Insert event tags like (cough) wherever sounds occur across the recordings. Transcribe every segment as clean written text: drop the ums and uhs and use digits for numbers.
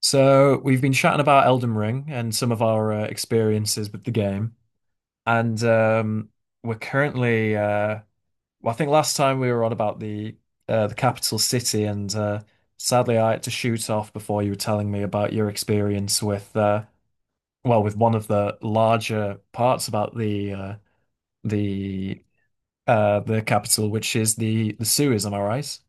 So we've been chatting about Elden Ring and some of our experiences with the game, and we're currently. Uh, I think last time we were on about the capital city, and sadly, I had to shoot off before you were telling me about your experience with with one of the larger parts about the the capital, which is the sewers. Am I right?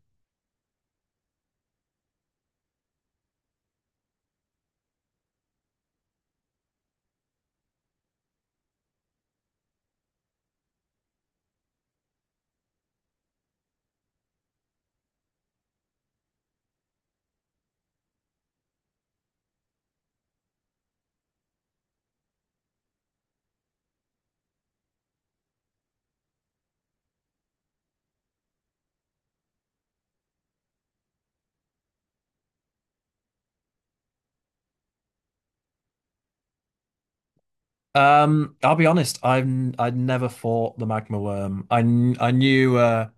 I'll be honest, I'd never fought the magma worm.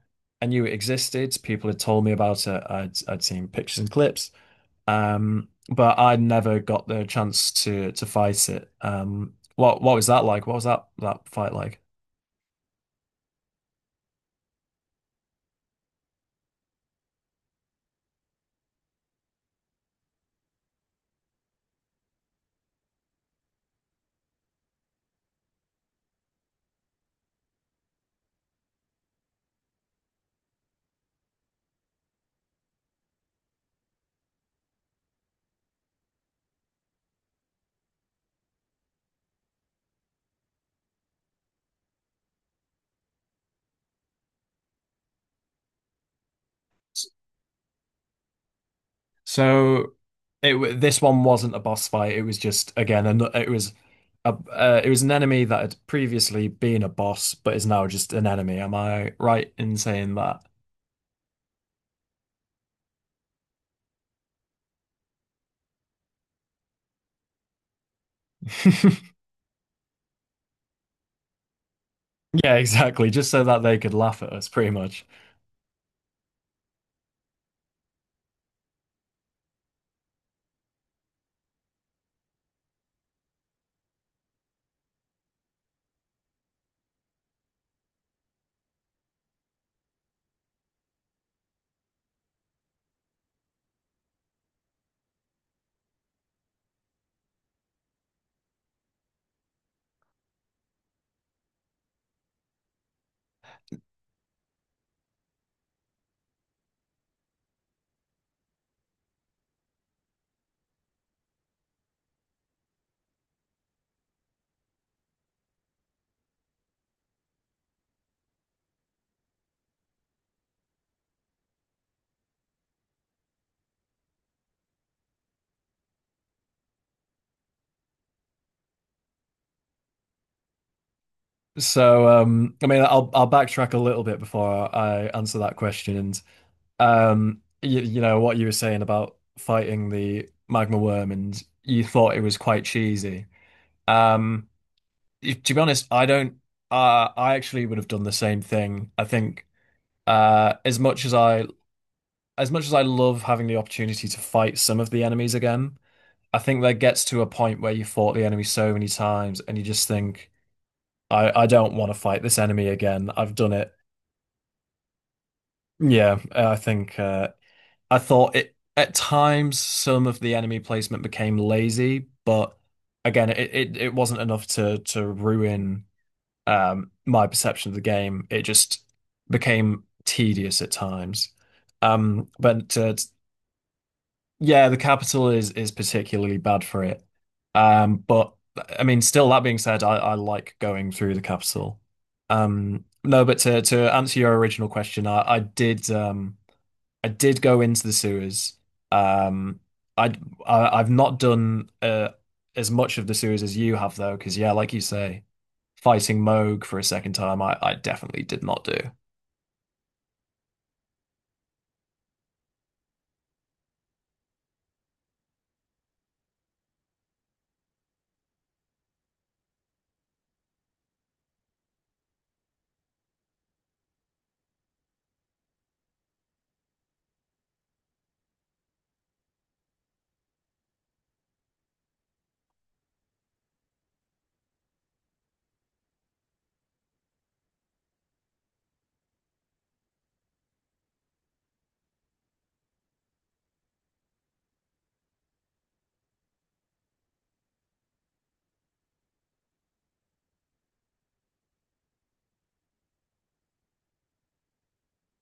I knew it existed. People had told me about it. I'd seen pictures and clips. But I would never got the chance to fight it. What was that like? What was that fight like? S- So this one wasn't a boss fight. It was just again, it was a it was an enemy that had previously been a boss, but is now just an enemy. Am I right in saying that? (laughs) Yeah, exactly. Just so that they could laugh at us, pretty much. So, I mean, I'll backtrack a little bit before I answer that question. And you, you know what you were saying about fighting the magma worm, and you thought it was quite cheesy. Um, to be honest, I don't. I actually would have done the same thing. I think as much as I as much as I love having the opportunity to fight some of the enemies again, I think there gets to a point where you fought the enemy so many times, and you just think I don't want to fight this enemy again. I've done it. Yeah, I think I thought it at times some of the enemy placement became lazy, but again, it wasn't enough to ruin my perception of the game. It just became tedious at times. But Yeah, the capital is particularly bad for it. But I mean, still that being said, I like going through the capital. No, but to answer your original question, I did go into the sewers. Um, I'd- I have not done as much of the sewers as you have though, because yeah, like you say, fighting Moog for a second time, I definitely did not do.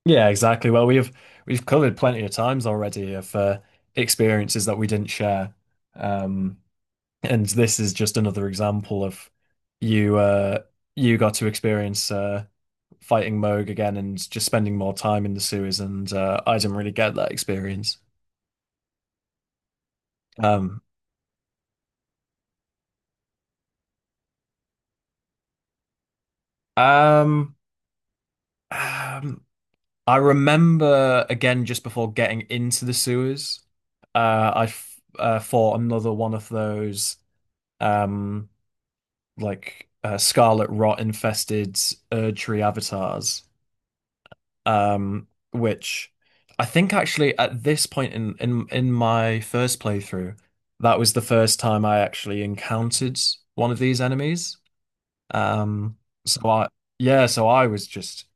Yeah, exactly. Well, we've covered plenty of times already of experiences that we didn't share, um, and this is just another example of you uh, you got to experience fighting Moog again and just spending more time in the sewers, and I didn't really get that experience. Um, um, um, I remember again just before getting into the sewers, uh, I f fought another one of those. Um, like scarlet rot infested Erd avatars, which I think actually at this point in my first playthrough, that was the first time I actually encountered one of these enemies. Um, so I Yeah, so I was just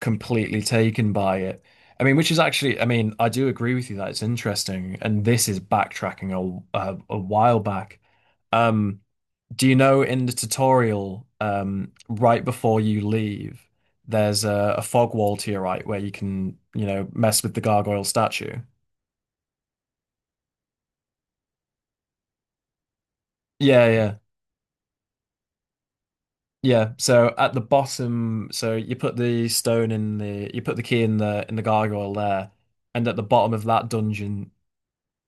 completely taken by it. I mean, which is actually, I mean, I do agree with you that it's interesting, and this is backtracking a while back. Um, do you know in the tutorial, right before you leave, there's a fog wall to your right where you can, you know, mess with the gargoyle statue. Yeah, yeah. So at the bottom, so you put the stone in the, you put the key in the gargoyle there, and at the bottom of that dungeon,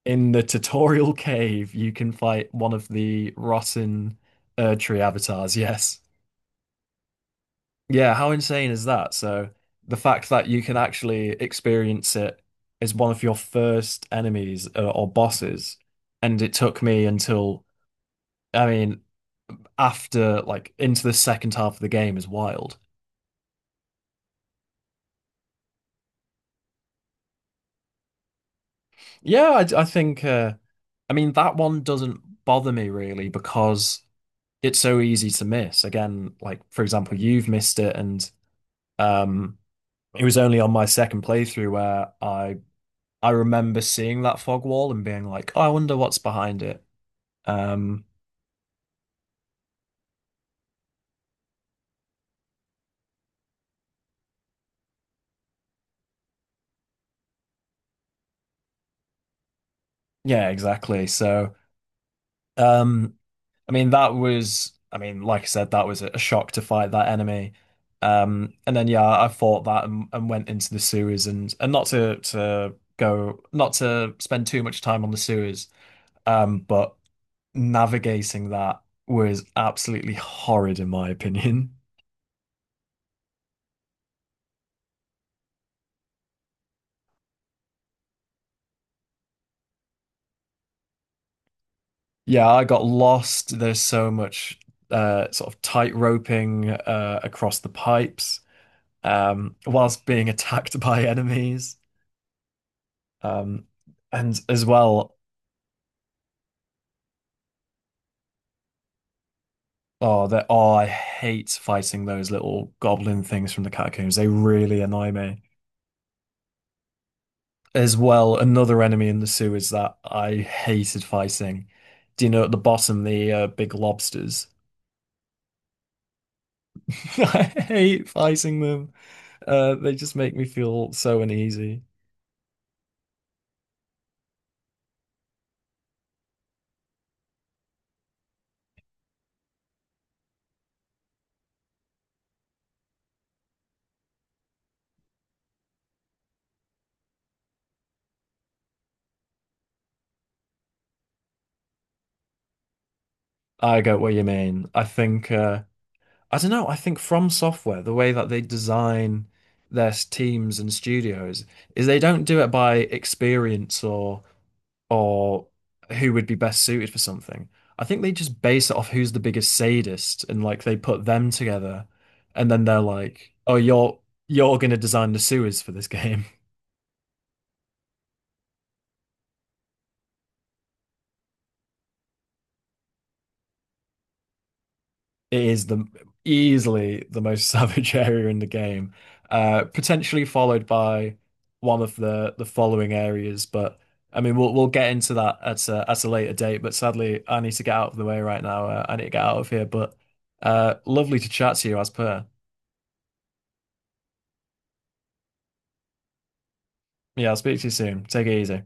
in the tutorial cave, you can fight one of the rotten Erdtree avatars, yes. Yeah, how insane is that? So the fact that you can actually experience it as one of your first enemies or bosses, and it took me until, I mean, after like into the second half of the game is wild. Yeah, I think, I mean, that one doesn't bother me really because it's so easy to miss. Again, like for example, you've missed it and um, it was only on my second playthrough where I remember seeing that fog wall and being like, oh, I wonder what's behind it. Um, yeah, exactly. So, um, I mean, that was, I mean, like I said, that was a shock to fight that enemy. And then yeah, I fought that and went into the sewers and not to go, not to spend too much time on the sewers, but navigating that was absolutely horrid in my opinion. (laughs) Yeah, I got lost. There's so much sort of tight roping across the pipes, whilst being (laughs) attacked by enemies. Um, and as well, oh, that oh, I hate fighting those little goblin things from the catacombs. They really annoy me. As well, another enemy in the sewers that I hated fighting. Do you know at the bottom the big lobsters? (laughs) I hate fighting them. They just make me feel so uneasy. I get what you mean. I think I don't know. I think From Software, the way that they design teams and studios is they don't do it by experience or or who would be best suited for something. I think they just base it off who's the biggest sadist and like they put them together and then they're like, "Oh, you're gonna design the sewers for this (laughs) game." It is the easily the most (laughs) savage area in the game, potentially followed by one of the following areas. But I mean, we'll get into that at at a later date. But sadly, I need to get out of the way right now. I need to get out of here. But lovely to chat to you, as per. Yeah, I'll speak to you soon. Take it easy.